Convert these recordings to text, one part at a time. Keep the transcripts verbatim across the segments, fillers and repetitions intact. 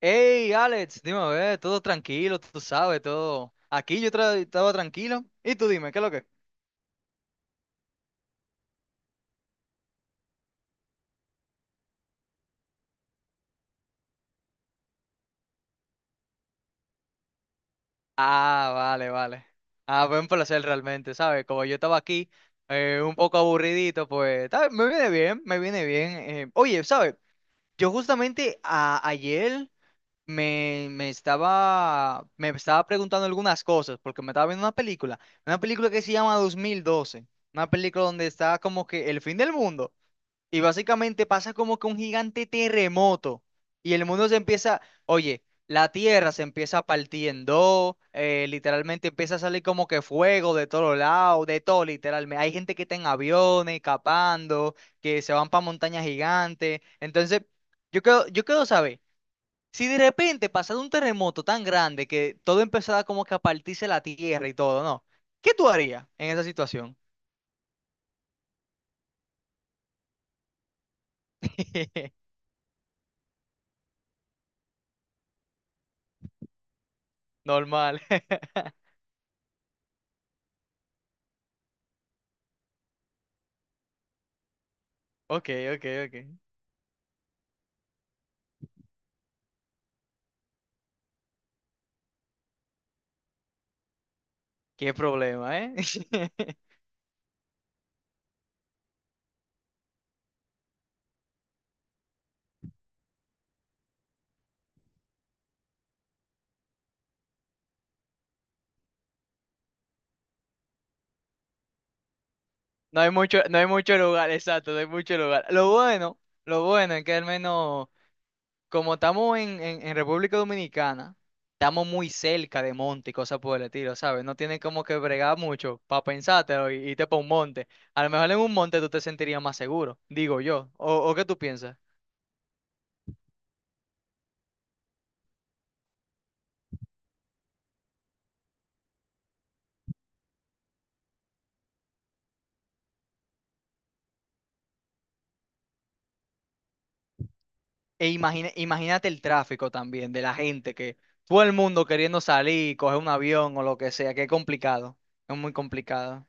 Hey, Alex, dime, a ver, todo tranquilo, tú sabes, todo. Aquí yo tra- estaba tranquilo. Y tú dime, ¿qué es lo que? Ah, vale, vale. Ah, fue un placer realmente, ¿sabes? Como yo estaba aquí, eh, un poco aburridito, pues está- me viene bien, me viene bien. eh. Oye, ¿sabes? Yo justamente a- ayer me, me estaba, me estaba preguntando algunas cosas, porque me estaba viendo una película, una película que se llama dos mil doce, una película donde está como que el fin del mundo. Y básicamente pasa como que un gigante terremoto y el mundo se empieza, oye, la tierra se empieza a partir en dos, eh, literalmente empieza a salir como que fuego de todos lados, de todo literalmente. Hay gente que está en aviones, escapando, que se van para montañas gigantes. Entonces, yo quiero, yo quiero saber, si de repente pasado un terremoto tan grande que todo empezaba como que a partirse la tierra y todo, ¿no? ¿Qué tú harías en esa situación? Normal. Ok, ok, ok. Qué problema, ¿eh? No hay mucho, no hay mucho lugar, exacto, no hay mucho lugar. Lo bueno, lo bueno es que al menos, como estamos en, en, en República Dominicana, estamos muy cerca de monte y cosas por el estilo, ¿sabes? No tienes como que bregar mucho para pensártelo y irte para un monte. A lo mejor en un monte tú te sentirías más seguro, digo yo. ¿O, o qué tú piensas? E imagina, imagínate el tráfico también de la gente que todo el mundo queriendo salir, coger un avión o lo que sea, que es complicado, es muy complicado.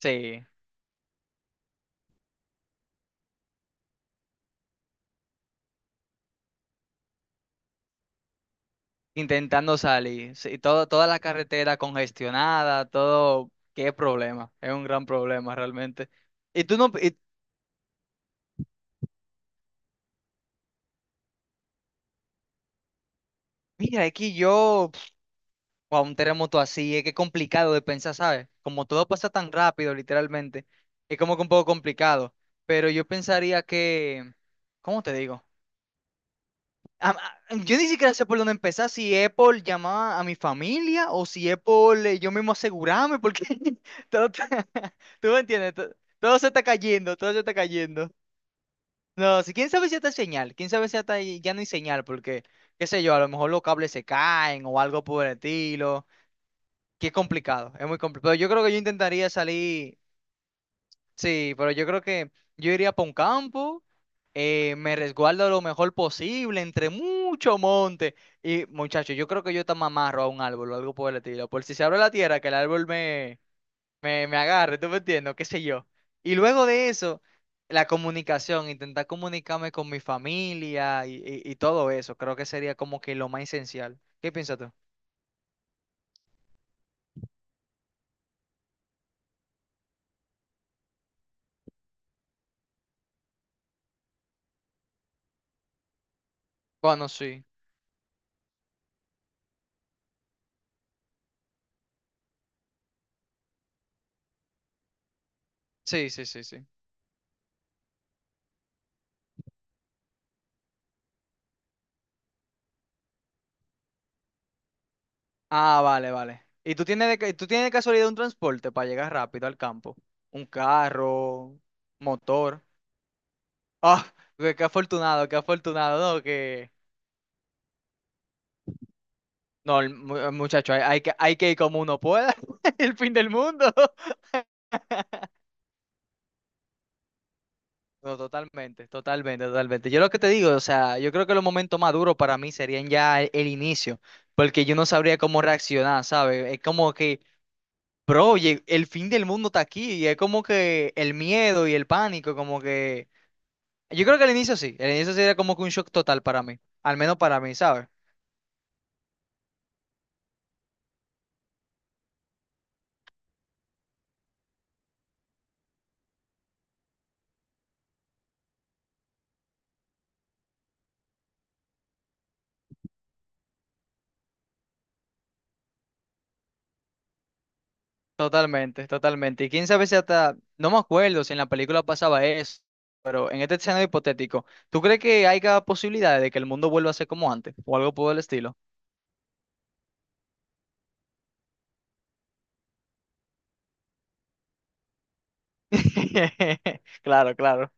Sí. Intentando salir. Sí, todo, toda la carretera congestionada, todo, qué problema. Es un gran problema realmente. Y tú no, y- mira, es que yo, pf, a un terremoto así, es que es complicado de pensar, ¿sabes? Como todo pasa tan rápido, literalmente, es como que un poco complicado. Pero yo pensaría que, ¿cómo te digo? a- a- yo ni siquiera sé por dónde empezar, si Apple llamaba a mi familia o si Apple eh, yo mismo asegurarme, porque todo, te- tú me entiendes, to- todo, se está cayendo, todo se está cayendo. No, si quién sabe si está señal, quién sabe si hasta ahí ya no hay señal, porque, qué sé yo, a lo mejor los cables se caen o algo por el estilo, que es complicado, es muy complicado. Yo creo que yo intentaría salir. Sí, pero yo creo que yo iría para un campo, eh, me resguardo lo mejor posible entre mucho monte. Y muchacho, yo creo que yo te me amarro a un árbol o algo por el estilo. Por si se abre la tierra, que el árbol me, me, me agarre, ¿tú me entiendes? ¿Qué sé yo? Y luego de eso, la comunicación, intentar comunicarme con mi familia y, y- y todo eso, creo que sería como que lo más esencial. ¿Qué piensas tú? Bueno, sí. Sí, sí, sí, sí. Ah, vale, vale. ¿Y tú tienes de, ca- tú tienes de casualidad un transporte para llegar rápido al campo? Un carro, motor. Ah, qué, qué afortunado, qué afortunado, ¿no? Que... No, el mu- el muchacho, hay, hay que, hay que ir como uno pueda. El fin del mundo. No, totalmente, totalmente, totalmente. Yo lo que te digo, o sea, yo creo que los momentos más duros para mí serían ya el, el inicio, porque yo no sabría cómo reaccionar, ¿sabes? Es como que, bro, lle- el fin del mundo está aquí, y es como que el miedo y el pánico, como que... Yo creo que al inicio sí, al inicio sí era como que un shock total para mí, al menos para mí, ¿sabes? Totalmente, totalmente. Y quién sabe si hasta, no me acuerdo si en la película pasaba eso, pero en este escenario hipotético, ¿tú crees que haya posibilidades de que el mundo vuelva a ser como antes o algo por el estilo? Claro, claro.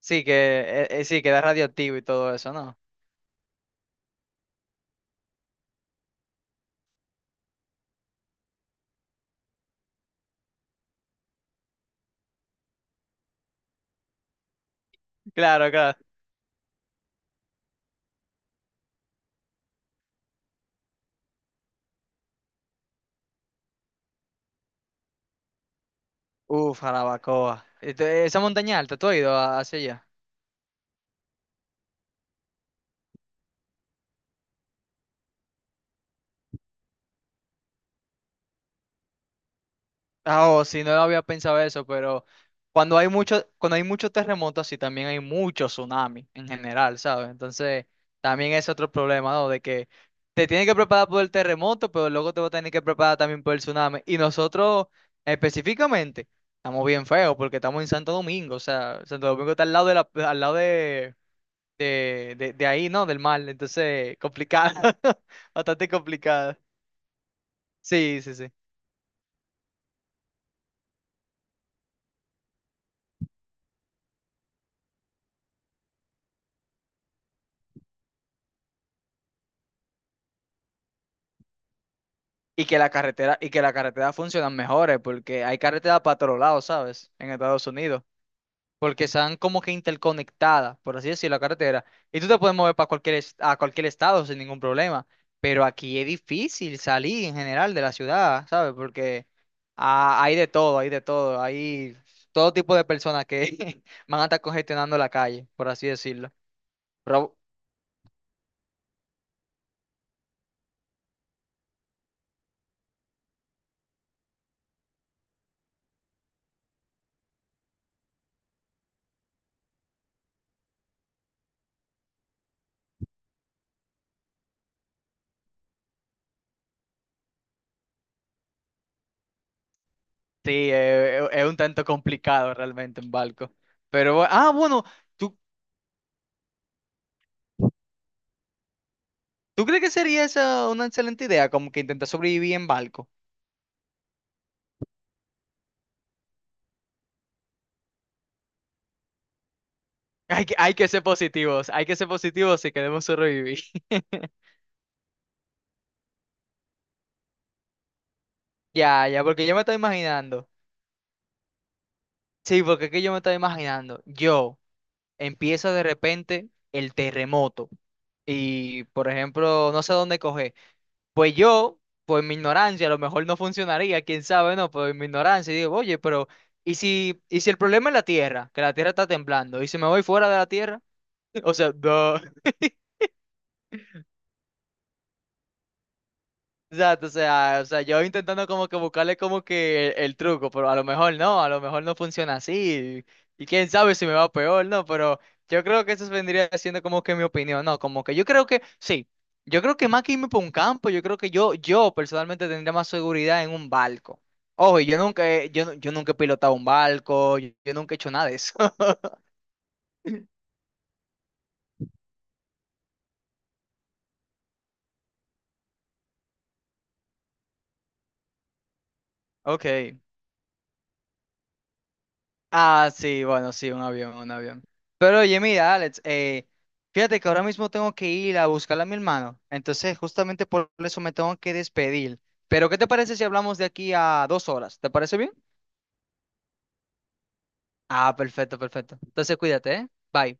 Sí, que eh, eh, sí, queda radioactivo y todo eso, ¿no? Claro, claro. Uf, Jarabacoa. Este, esa montaña alta, ¿tú has ido a- hacia allá? Ah, oh, sí, no lo había pensado eso, pero cuando hay mucho, cuando hay muchos terremotos, sí, también hay muchos tsunamis en general, ¿sabes? Entonces, también es otro problema, ¿no? De que te tienes que preparar por el terremoto, pero luego te vas a tener que preparar también por el tsunami. Y nosotros, específicamente, estamos bien feos porque estamos en Santo Domingo, o sea, Santo Domingo está al lado de la, al lado de, de, de, de ahí, ¿no? Del mar, entonces, complicado, bastante complicado. Sí, sí, sí. Y que la carretera, y que la carretera funcionan mejores, porque hay carreteras para todos lados, ¿sabes? En Estados Unidos. Porque están como que interconectadas, por así decirlo, la carretera. Y tú te puedes mover para cualquier, es- a cualquier estado sin ningún problema. Pero aquí es difícil salir en general de la ciudad, ¿sabes? Porque ah, hay de todo, hay de todo. Hay todo tipo de personas que van a estar congestionando la calle, por así decirlo. Pero, sí, eh, es es un tanto complicado realmente en barco. Pero, bu- ah, bueno. tú ¿Tú crees que sería esa una excelente idea? Como que intentar sobrevivir en barco. Hay que, hay que ser positivos, hay que ser positivos si queremos sobrevivir. Ya, ya, porque yo me estoy imaginando. Sí, porque es que yo me estoy imaginando. Yo empiezo de repente el terremoto. Y, por ejemplo, no sé dónde coger. Pues yo, por mi ignorancia, a lo mejor no funcionaría, quién sabe, no, por mi ignorancia. Y digo, oye, pero, ¿y si, y si el problema es la Tierra? Que la Tierra está temblando. ¿Y si me voy fuera de la Tierra? O sea, no. Exacto, o sea, o sea, yo intentando como que buscarle como que el, el truco, pero a lo mejor no, a lo mejor no funciona así, y, quién sabe si me va peor, ¿no? Pero yo creo que eso vendría siendo como que mi opinión, ¿no? Como que yo creo que, sí, yo creo que más que irme por un campo, yo creo que yo, yo personalmente tendría más seguridad en un barco. Ojo, y yo nunca, he- yo, nu- yo nunca he pilotado un barco, yo, yo nunca he hecho nada de eso. Ok. Ah, sí, bueno, sí, un avión, un avión. Pero oye, mira, Alex, eh, fíjate que ahora mismo tengo que ir a buscar a mi hermano. Entonces, justamente por eso me tengo que despedir. Pero, ¿qué te parece si hablamos de aquí a dos horas? ¿Te parece bien? Ah, perfecto, perfecto. Entonces, cuídate, ¿eh? Bye.